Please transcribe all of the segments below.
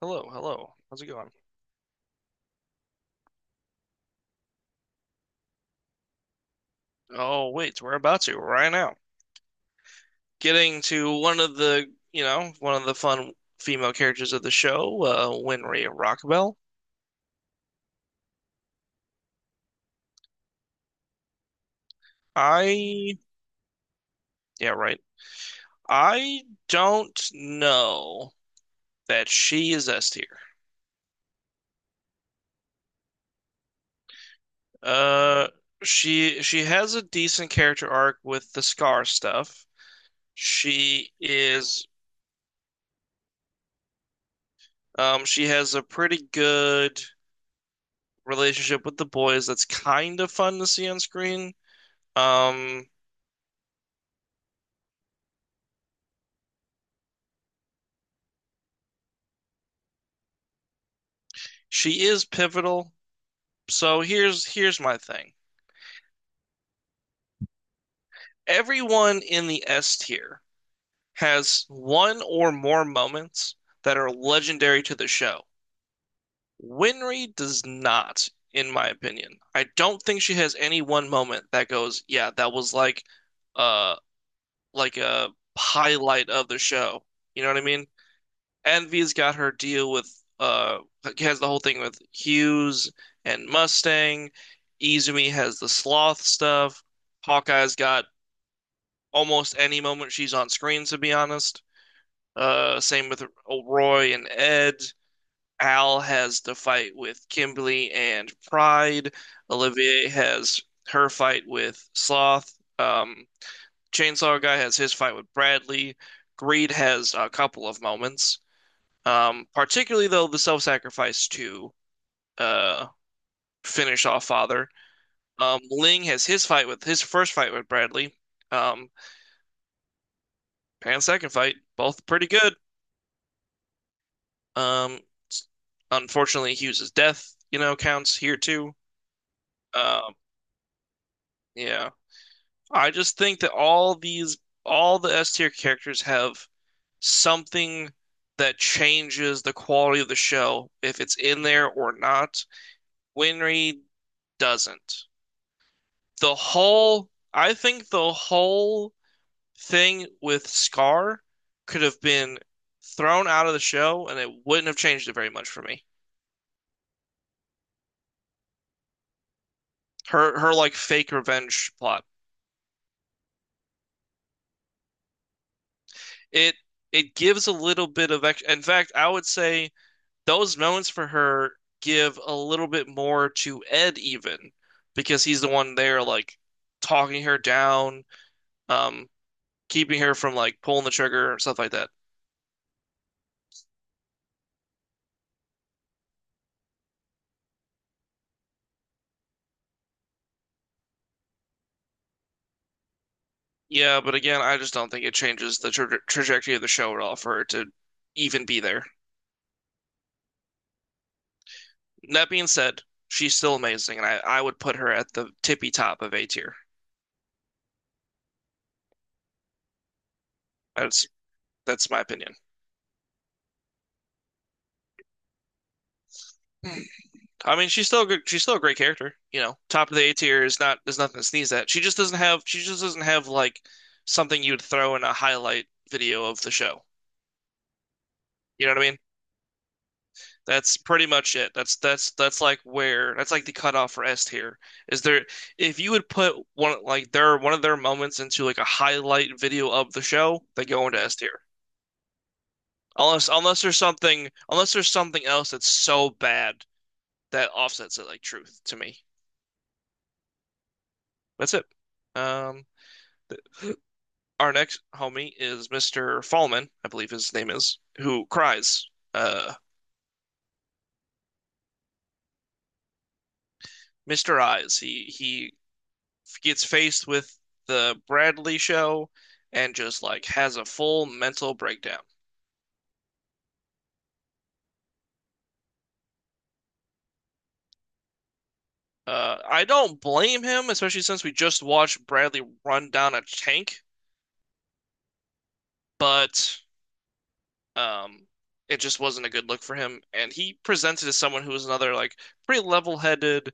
Hello, hello. How's it going? Oh, wait, we're about to right now. Getting to one of the fun female characters of the show, Winry Rockabelle. I, yeah, right. I don't know that she is S tier. Uh, she has a decent character arc with the Scar stuff. She is, she has a pretty good relationship with the boys that's kind of fun to see on screen. Um, She is pivotal. So here's my thing. Everyone in the S tier has one or more moments that are legendary to the show. Winry does not, in my opinion. I don't think she has any one moment that goes, yeah, that was uh like a highlight of the show. You know what I mean? Envy's got her deal with uh has the whole thing with Hughes and Mustang. Izumi has the sloth stuff. Hawkeye's got almost any moment she's on screen, to be honest. Same with Roy and Ed. Al has the fight with Kimberly and Pride. Olivier has her fight with Sloth. Um, Chainsaw Guy has his fight with Bradley. Greed has a couple of moments. Particularly though the self-sacrifice to uh finish off Father. Ling has his first fight with Bradley. Um, Pan's second fight, both pretty good. Um, Unfortunately, Hughes' death counts here too. Um, yeah, I just think that all the S tier characters have something that changes the quality of the show, if it's in there or not. Winry doesn't. The whole I think the whole thing with Scar could have been thrown out of the show and it wouldn't have changed it very much for me. Her like fake revenge plot. It it gives a little bit of ex in fact, I would say those moments for her give a little bit more to Ed even because he's the one there like talking her down, um keeping her from like pulling the trigger and stuff like that. Yeah, but again, I just don't think it changes the trajectory of the show at all for her to even be there. That being said, she's still amazing, and I would put her at the tippy top of A tier. That's that's my opinion. I mean, she's still good, she's still a great character. You know, top of the A tier is nothing to sneeze at. She just doesn't have like something you'd throw in a highlight video of the show. You know what I mean? That's pretty much it. That's like the cutoff for S tier. Is there If you would put one of their moments into like a highlight video of the show, they go into S tier. Unless there's something else that's so bad that offsets it like truth to me. That's it. Um, th- our next homie is Mr. Fallman, I believe his name is, who cries. Mr. Eyes. He gets faced with the Bradley show and just like has a full mental breakdown. I don't blame him, especially since we just watched Bradley run down a tank, but um, it just wasn't a good look for him. And he presented as someone who was another like pretty level-headed,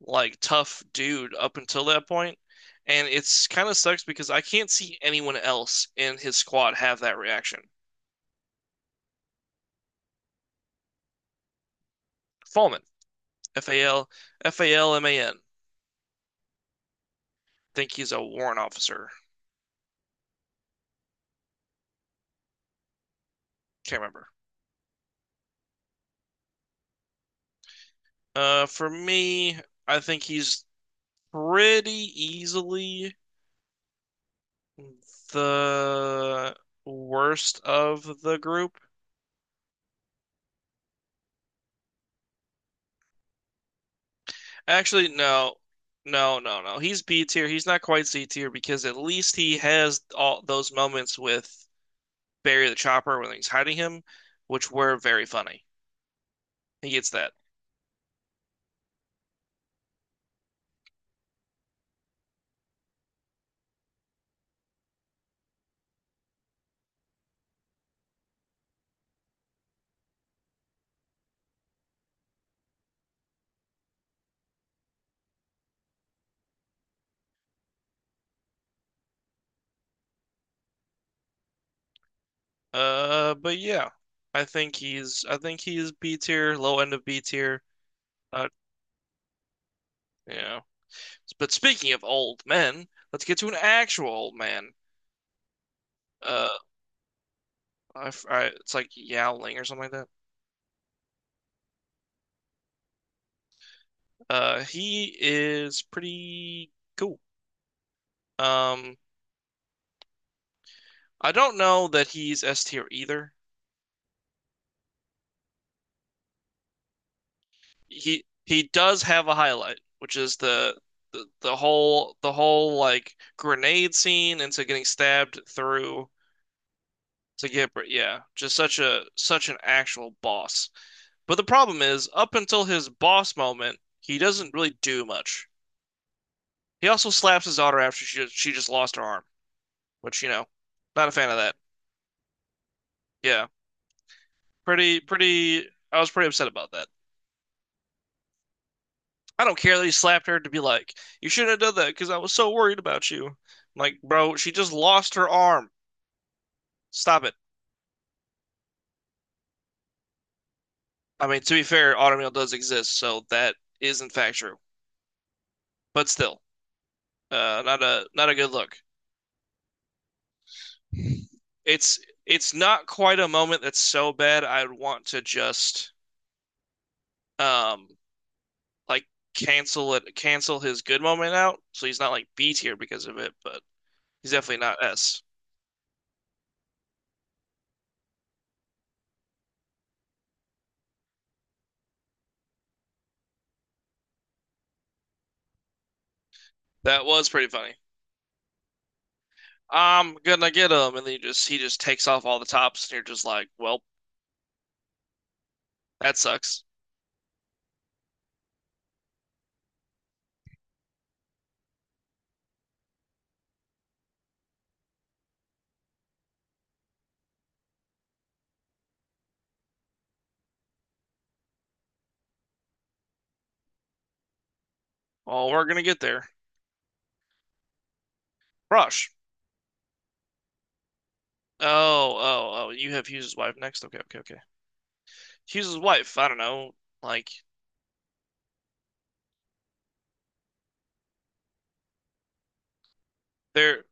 like tough dude up until that point. And it's kind of sucks because I can't see anyone else in his squad have that reaction. Fallman, F A L F A L M A N. Think he's a warrant officer. Can't remember. For me, I think he's pretty easily the worst of the group. Actually, no. No, no, no. He's B tier. He's not quite C tier because at least he has all those moments with Barry the Chopper when he's hiding him, which were very funny. He gets that. But yeah, I think he's B tier, low end of B tier. Uh, yeah. But speaking of old men, let's get to an actual old man. Uh, it's like Yowling or something like that. He is pretty cool. Um, I don't know that he's S tier either. He does have a highlight, which is the whole like grenade scene into getting stabbed through yeah, just such an actual boss. But the problem is, up until his boss moment, he doesn't really do much. He also slaps his daughter after she just lost her arm, which, you know, not a fan of that. Yeah. Pretty pretty I was pretty upset about that. I don't care that he slapped her to be like, you shouldn't have done that because I was so worried about you. I'm like, bro, she just lost her arm. Stop it. I mean, to be fair, automail does exist, so that is in fact true. But still, not a good look. It's it's not quite a moment that's so bad I'd want to just um like cancel it, cancel his good moment out, so he's not like B tier because of it, but he's definitely not S. That was pretty funny. I'm gonna get him, and then he just takes off all the tops, and you're just like, well, that sucks. Oh, we're gonna get there. Rush. Oh, oh, oh, you have Hughes' wife next. Okay, okay, okay. Hughes' wife. I don't know. Like they're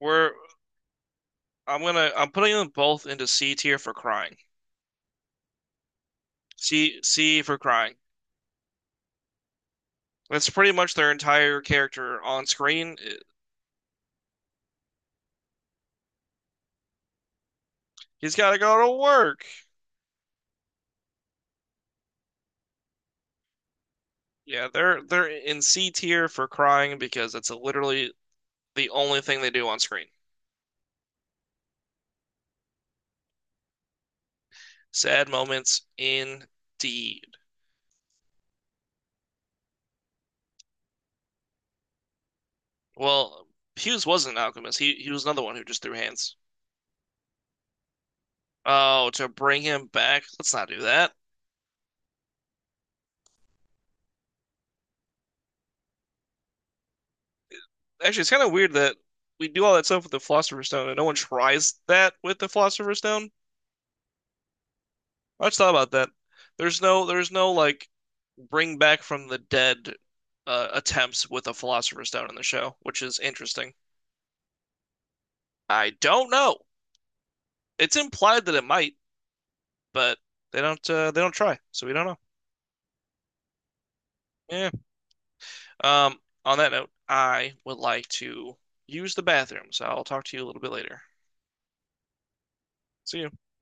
we're I'm gonna I'm putting them both into C tier for crying. C for crying. That's pretty much their entire character on screen. He's got to go to work. Yeah, they're in C tier for crying because that's literally the only thing they do on screen. Sad moments indeed. Well, Hughes wasn't an alchemist. He was another one who just threw hands. Oh, to bring him back? Let's not do that. Actually, it's kind of weird that we do all that stuff with the Philosopher's Stone and no one tries that with the Philosopher's Stone. I just thought about that. There's no like bring back from the dead attempts with a Philosopher's Stone in the show, which is interesting. I don't know. It's implied that it might, but they don't try, so we don't know. Yeah. Um, on that note, I would like to use the bathroom, so I'll talk to you a little bit later. See you.